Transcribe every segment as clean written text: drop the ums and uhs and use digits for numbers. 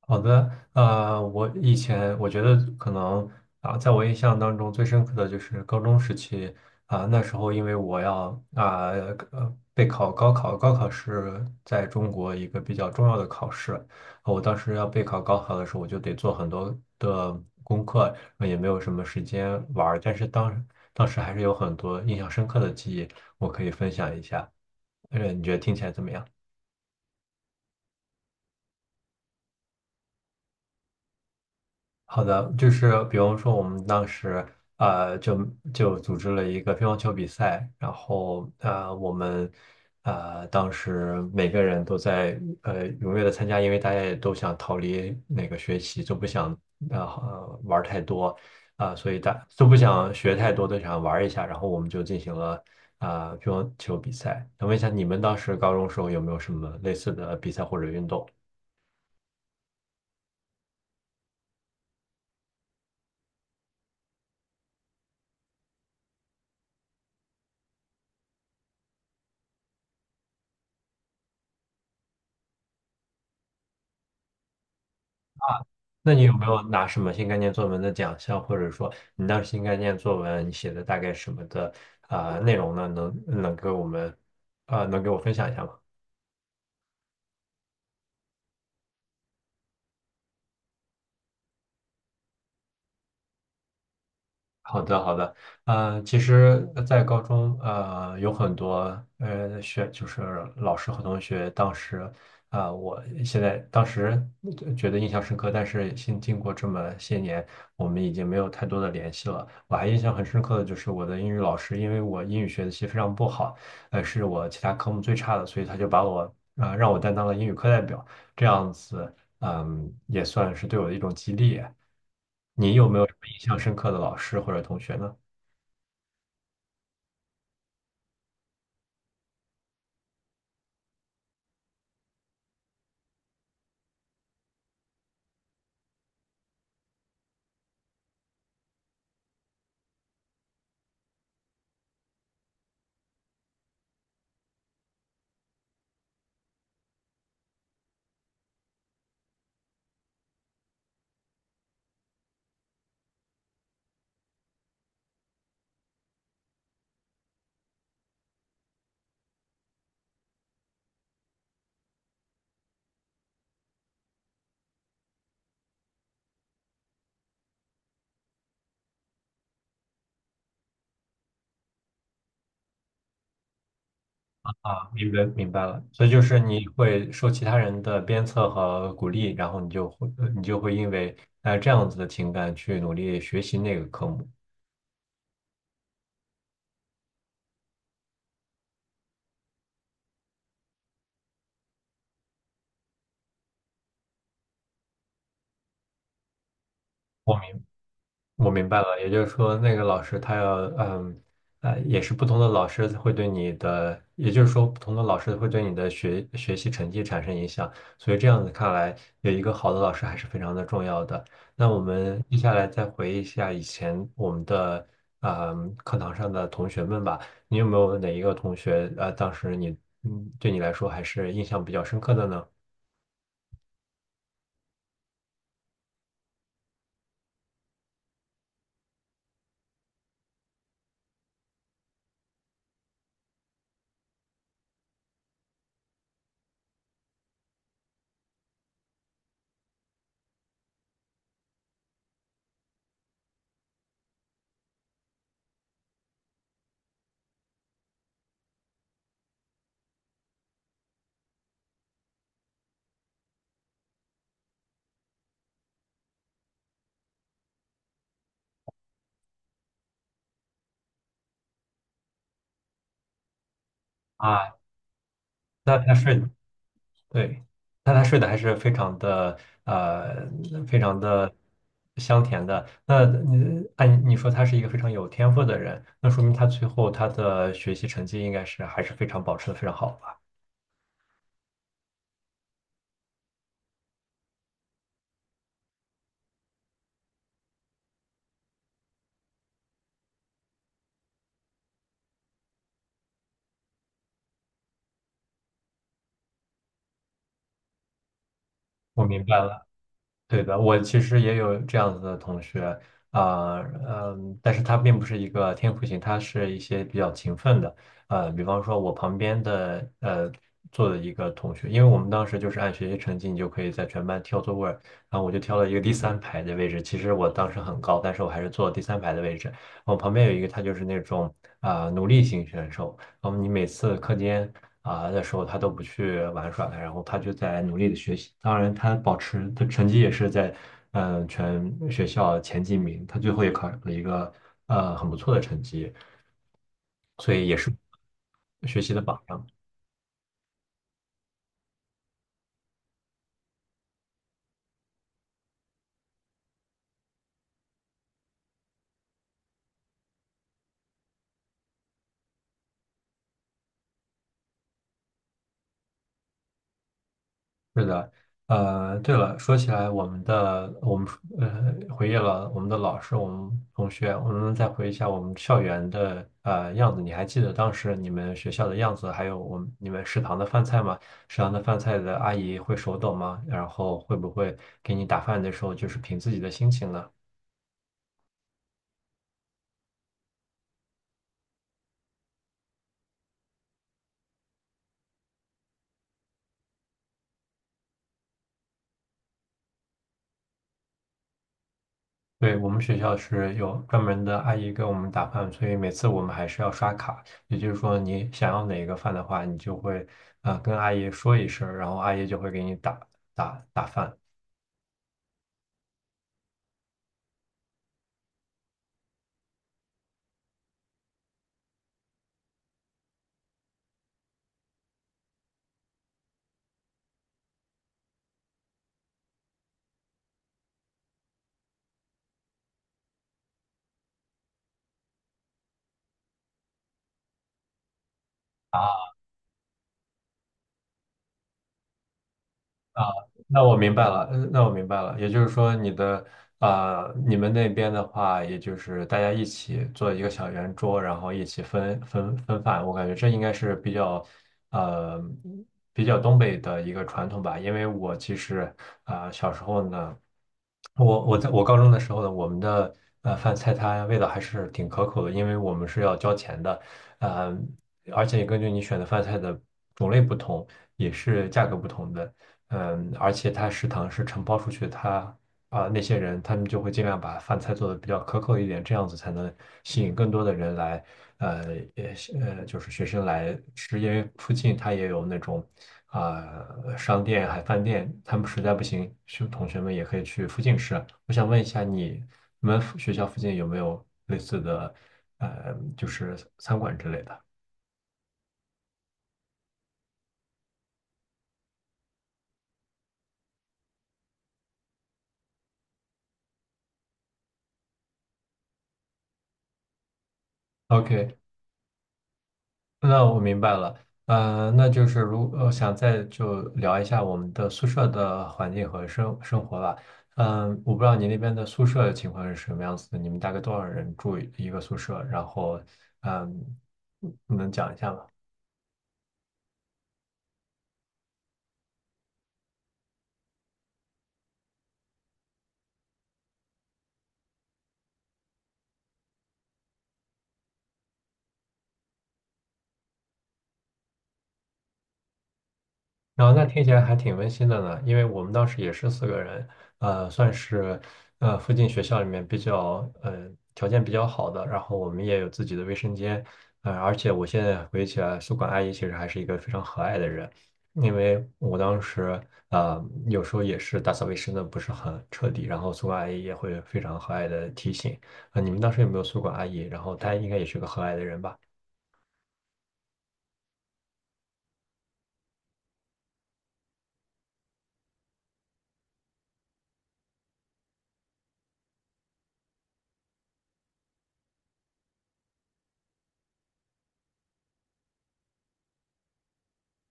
好的，我以前我觉得可能在我印象当中最深刻的就是高中时期。那时候因为我要啊备考高考，高考是在中国一个比较重要的考试。我当时要备考高考的时候，我就得做很多的功课，也没有什么时间玩儿，但是当时还是有很多印象深刻的记忆，我可以分享一下，你觉得听起来怎么样？好的，就是比方说我们当时呃就就组织了一个乒乓球比赛，然后我们当时每个人都在踊跃的参加，因为大家也都想逃离那个学习，就不想玩儿太多，所以大都不想学太多，都想玩儿一下，然后我们就进行了乒乓球比赛。想问一下，你们当时高中时候有没有什么类似的比赛或者运动？那你有没有拿什么新概念作文的奖项，或者说你当时新概念作文你写的大概什么的内容呢？能能给我们啊、呃能给我分享一下吗？好的，好的，其实，在高中，有很多，呃，学就是老师和同学，当时，我当时觉得印象深刻，但是经过这么些年，我们已经没有太多的联系了。我还印象很深刻的就是我的英语老师，因为我英语学习非常不好，是我其他科目最差的，所以他就把我，让我担当了英语课代表，这样子。嗯，也算是对我的一种激励。你有没有什么印象深刻的老师或者同学呢？啊，明白了，所以就是你会受其他人的鞭策和鼓励，然后你就会因为这样子的情感去努力学习那个科目。我明白我明白了，也就是说，那个老师他要，嗯，也是不同的老师会对你的，也就是说，不同的老师会对你的学习成绩产生影响，所以这样子看来，有一个好的老师还是非常的重要的。那我们接下来再回忆一下以前我们的，嗯，课堂上的同学们吧，你有没有哪一个同学，当时你，嗯，对你来说还是印象比较深刻的呢？啊，那他是。对，那他睡得还是非常的，呃，非常的香甜的。那你按你说他是一个非常有天赋的人，那说明他最后他的学习成绩应该是还是非常保持的非常好吧？我明白了。对的，我其实也有这样子的同学，啊、嗯，但是他并不是一个天赋型，他是一些比较勤奋的。比方说我旁边的坐的一个同学，因为我们当时就是按学习成绩，你就可以在全班挑座位儿，然后我就挑了一个第三排的位置。其实我当时很高，但是我还是坐了第三排的位置。我旁边有一个他就是那种努力型选手，然后你每次课间的时候，他都不去玩耍了，然后他就在努力的学习。当然，他保持他成绩也是在全学校前几名，他最后也考了一个很不错的成绩，所以学习的榜样。是的。对了，说起来，我们回忆了我们的老师，我们同学，我们再回忆一下我们校园的样子。你还记得当时你们学校的样子，还有我们你们食堂的饭菜吗？食堂的饭菜的阿姨会手抖吗？然后会不会给你打饭的时候就是凭自己的心情呢？对，我们学校是有专门的阿姨给我们打饭，所以每次我们还是要刷卡。也就是说，你想要哪一个饭的话，你就会跟阿姨说一声儿，然后阿姨就会给你打饭。啊啊，那我明白了，我明白了，也就是说，你们那边的话，也就是大家一起做一个小圆桌，然后一起分饭，我感觉这应该是比较呃比较东北的一个传统吧，因为我其实小时候呢，我在我高中的时候呢，我们的饭菜它味道还是挺可口的，因为我们是要交钱的。呃，而且根据你选的饭菜的种类不同，也是价格不同的。而且它食堂是承包出去，它那些人，他们就会尽量把饭菜做的比较可口一点，这样子才能吸引更多的人来，呃，也就是学生来吃，因为附近他也有那种啊、商店、还饭店，他们实在不行，学同学们也可以去附近吃。我想问一下你，你们附学校附近有没有类似的，就是餐馆之类的？OK，那我明白了。嗯，那就是想再就聊一下我们的宿舍的环境和生活吧。嗯，我不知道你那边的宿舍情况是什么样子的，你们大概多少人住一个宿舍？然后，嗯，能讲一下吗？然后那听起来还挺温馨的呢，因为我们当时也是四个人，算是附近学校里面比较条件比较好的，然后我们也有自己的卫生间。而且我现在回忆起来，宿管阿姨其实还是一个非常和蔼的人，因为我当时呃有时候也是打扫卫生的不是很彻底，然后宿管阿姨也会非常和蔼的提醒。你们当时有没有宿管阿姨？然后她应该也是个和蔼的人吧？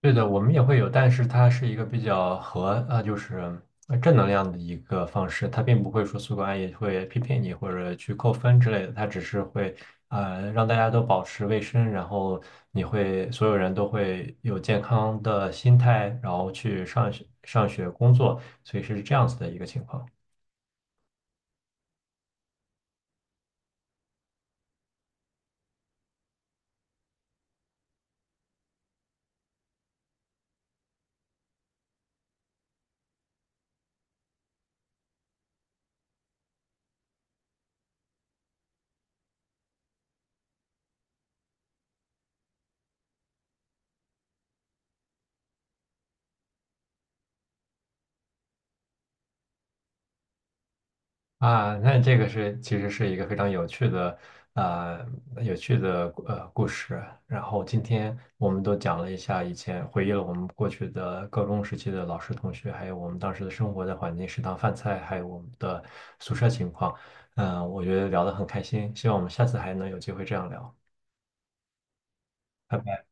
对的，我们也会有，但是它是一个比较和就是正能量的一个方式，它并不会说宿管也会批评你或者去扣分之类的，它只是会让大家都保持卫生，然后你会所有人都会有健康的心态，然后去上学、上学、工作，所以是这样子的一个情况。啊，那这个是其实是一个非常有趣的，呃，有趣的故事。然后今天我们都讲了一下以前，回忆了我们过去的高中时期的老师、同学，还有我们当时的生活的环境、食堂饭菜，还有我们的宿舍情况。我觉得聊得很开心，希望我们下次还能有机会这样聊。拜拜。